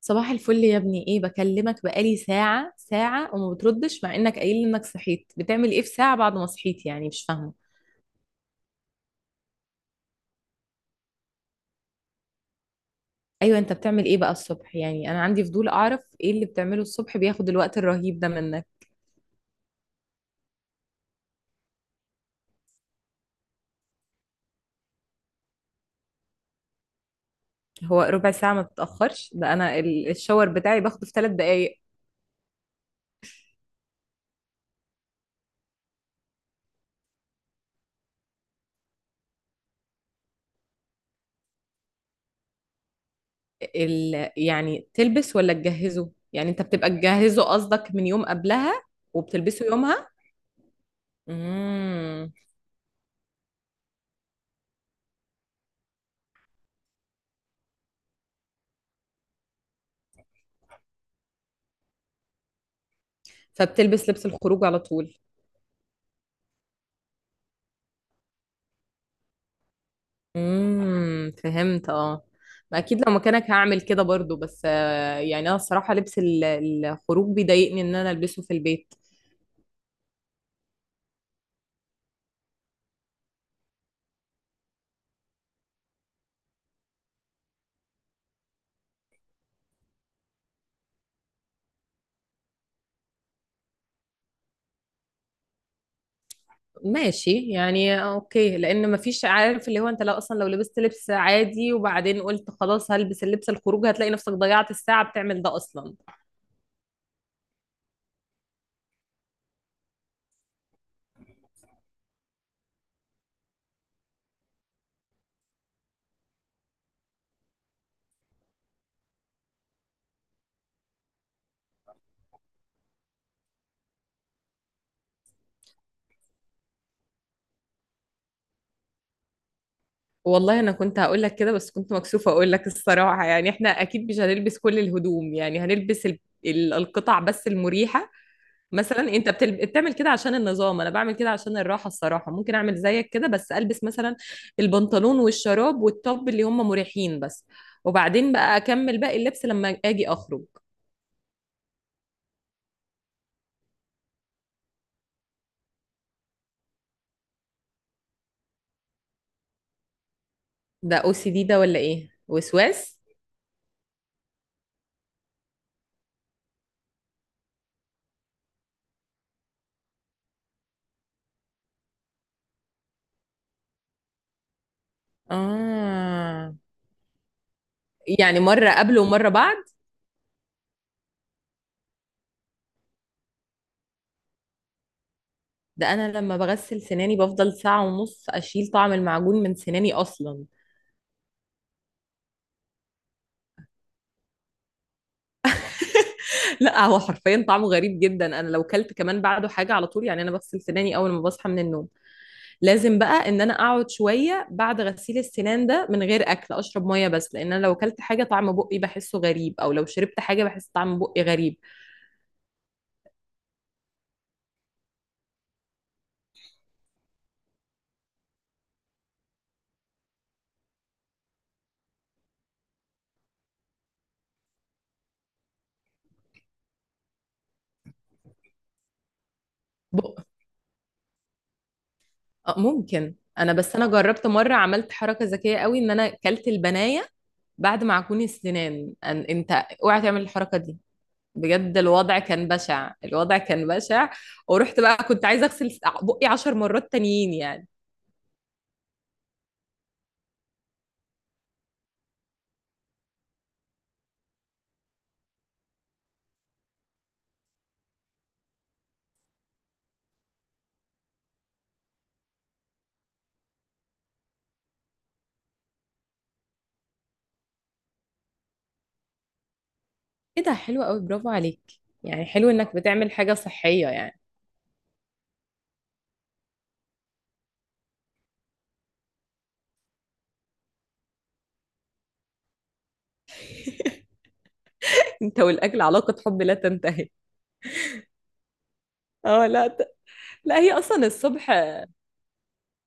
صباح الفل يا ابني، ايه بكلمك بقالي ساعة ساعة وما بتردش مع انك قايل لي انك صحيت. بتعمل ايه في ساعة بعد ما صحيت؟ يعني مش فاهمة. ايوه، انت بتعمل ايه بقى الصبح؟ يعني انا عندي فضول اعرف ايه اللي بتعمله الصبح بياخد الوقت الرهيب ده منك. هو ربع ساعة ما بتتأخرش؟ ده انا الشاور بتاعي باخده في ثلاث دقايق. يعني تلبس ولا تجهزه؟ يعني انت بتبقى تجهزه قصدك من يوم قبلها وبتلبسه يومها. امم. فبتلبس لبس الخروج على طول. امم، فهمت اه. ما اكيد لو مكانك هعمل كده برضو، بس يعني انا الصراحه لبس الخروج بيضايقني ان انا البسه في البيت. ماشي يعني، اوكي. لان مفيش، عارف اللي هو انت لو اصلا لو لبست لبس عادي وبعدين قلت خلاص هلبس اللبس الخروج هتلاقي نفسك ضيعت الساعه بتعمل ده اصلا. والله انا كنت هقول لك كده بس كنت مكسوفه اقول لك الصراحه. يعني احنا اكيد مش هنلبس كل الهدوم، يعني هنلبس القطع بس المريحه. مثلا انت بتعمل كده عشان النظام، انا بعمل كده عشان الراحه الصراحه. ممكن اعمل زيك كده بس البس مثلا البنطلون والشراب والتوب اللي هم مريحين بس، وبعدين بقى اكمل باقي اللبس لما اجي اخرج. ده او سي دي ده ولا ايه، وسواس؟ اه، يعني مره قبل ومره بعد؟ ده انا لما بغسل سناني بفضل ساعة ونص اشيل طعم المعجون من سناني اصلا. لا، هو حرفيا طعمه غريب جدا، انا لو كلت كمان بعده حاجة على طول. يعني انا بغسل سناني اول ما بصحى من النوم، لازم بقى ان انا اقعد شوية بعد غسيل السنان ده من غير اكل، اشرب مية بس، لان انا لو كلت حاجة طعم بقي بحسه غريب او لو شربت حاجة بحس طعم بقي غريب. بق... ممكن انا، بس انا جربت مرة عملت حركة ذكية قوي ان انا كلت البناية بعد معجون السنان. انت اوعى تعمل الحركة دي، بجد الوضع كان بشع، الوضع كان بشع. ورحت بقى كنت عايزه اغسل بقي عشر مرات تانيين يعني. ايه ده، حلو قوي، برافو عليك. يعني حلو انك بتعمل حاجه صحيه يعني. انت والاكل علاقه حب لا تنتهي. اه، لا لا هي اصلا الصبح.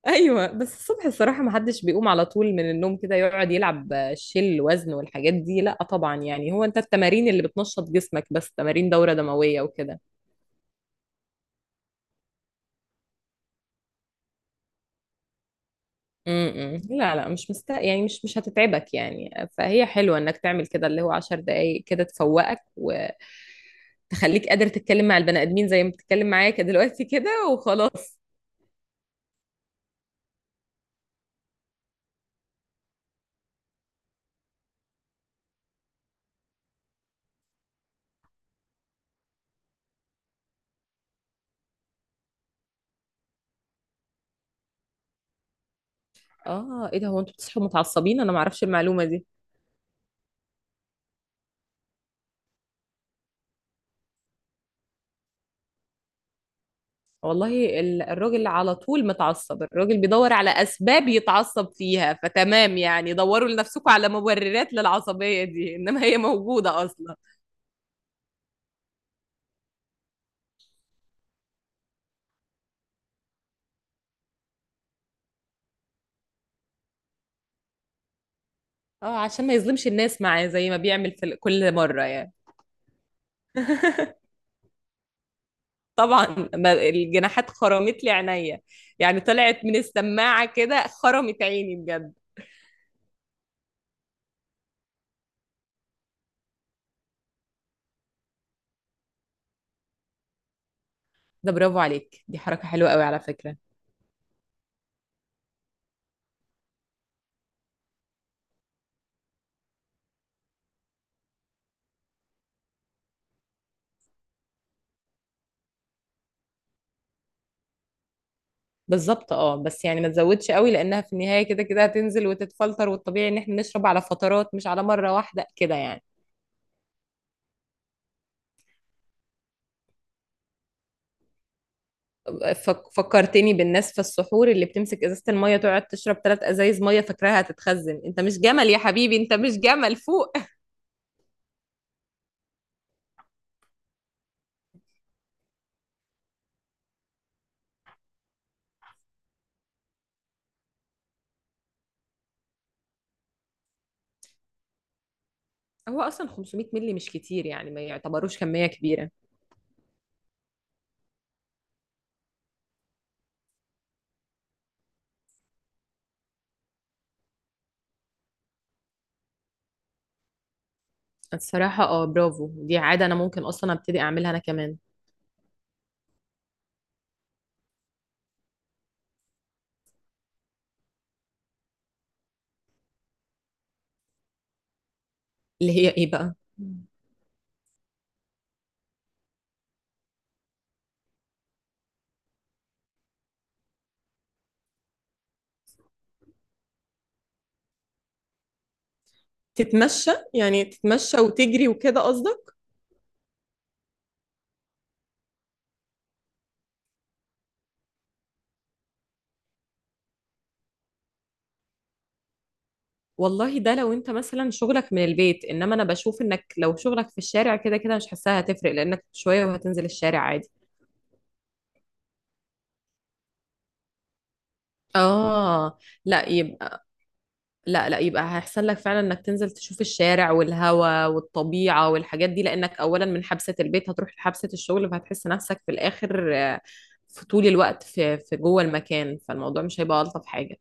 ايوه، بس الصبح الصراحه ما حدش بيقوم على طول من النوم كده يقعد يلعب شيل وزن والحاجات دي، لا طبعا. يعني هو انت التمارين اللي بتنشط جسمك، بس تمارين دوره دمويه وكده. امم. لا لا، مش يعني مش هتتعبك يعني. فهي حلوة انك تعمل كده، اللي هو عشر دقايق كده تفوقك وتخليك قادر تتكلم مع البني ادمين زي ما بتتكلم معايا كده دلوقتي كده وخلاص. اه ايه ده، هو انتوا بتصحوا متعصبين؟ انا ما اعرفش المعلومة دي. والله الراجل على طول متعصب، الراجل بيدور على اسباب يتعصب فيها. فتمام يعني، دوروا لنفسكم على مبررات للعصبية دي، انما هي موجودة اصلا. اه عشان ما يظلمش الناس معاه زي ما بيعمل في كل مرة يعني. طبعًا، ما الجناحات خرمت لي عينيّا، يعني طلعت من السماعة كده خرمت عيني بجد. ده برافو عليك، دي حركة حلوة أوي على فكرة. بالضبط، بس يعني ما تزوّدش أوي، لإنها في النهاية كده كده هتنزل وتتفلتر، والطبيعي إن إحنا نشرب على فترات مش على مرّة واحدة كده يعني. فكّرتني بالناس في السحور اللي بتمسك إزازة المَيّة تقعد تشرب 3 أزايز مَيّة فاكراها هتتخزّن، أنت مش جمل يا حبيبي، أنت مش جمل فوق. هو أصلًا 500 مِللي مش كتير، يعني ما يعتبروش كمية كبيرة. الصراحة اه، برافو، دي عادة أنا ممكن أصلا أبتدي أعملها أنا كمان. اللي هي إيه بقى؟ تتمشى، يعني تتمشى وتجري وكده قصدك؟ والله ده لو أنت مثلا شغلك من البيت، إنما أنا بشوف إنك لو شغلك في الشارع كده كده مش حاساها هتفرق، لأنك شوية وهتنزل الشارع عادي. آه لا يبقى، لا لا يبقى هيحصل لك فعلا انك تنزل تشوف الشارع والهواء والطبيعة والحاجات دي، لانك اولا من حبسة البيت هتروح لحبسة الشغل، فهتحس نفسك في الاخر في طول الوقت في جوه المكان، فالموضوع مش هيبقى الطف حاجة.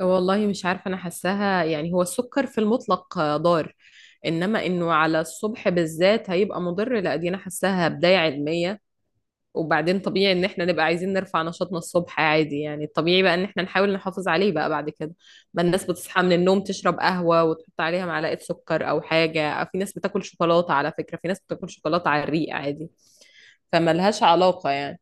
والله مش عارفة، انا حاساها يعني هو السكر في المطلق ضار، انما انه على الصبح بالذات هيبقى مضر، لا دي انا حاساها بداية علمية. وبعدين طبيعي ان احنا نبقى عايزين نرفع نشاطنا الصبح عادي، يعني الطبيعي بقى ان احنا نحاول نحافظ عليه بقى بعد كده. ما الناس بتصحى من النوم تشرب قهوة وتحط عليها معلقة سكر او حاجة، أو في ناس بتاكل شوكولاتة، على فكرة في ناس بتاكل شوكولاتة على الريق عادي، فملهاش علاقة يعني.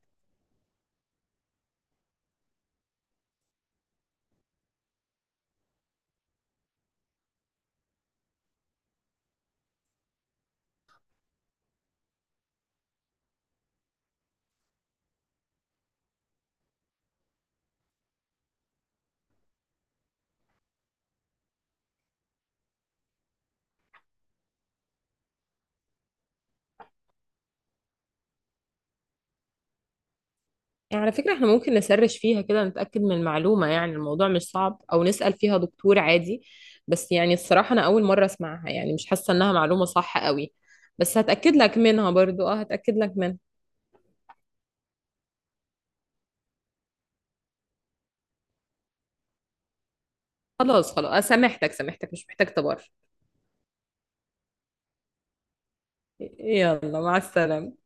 يعني على فكرة احنا ممكن نسرش فيها كده نتأكد من المعلومة، يعني الموضوع مش صعب، او نسأل فيها دكتور عادي. بس يعني الصراحة انا اول مرة اسمعها، يعني مش حاسة انها معلومة صح قوي. بس هتأكد لك منها برضو، اه هتأكد لك منها. خلاص خلاص، سامحتك سامحتك، مش محتاج تبرر. يلا، مع السلامة.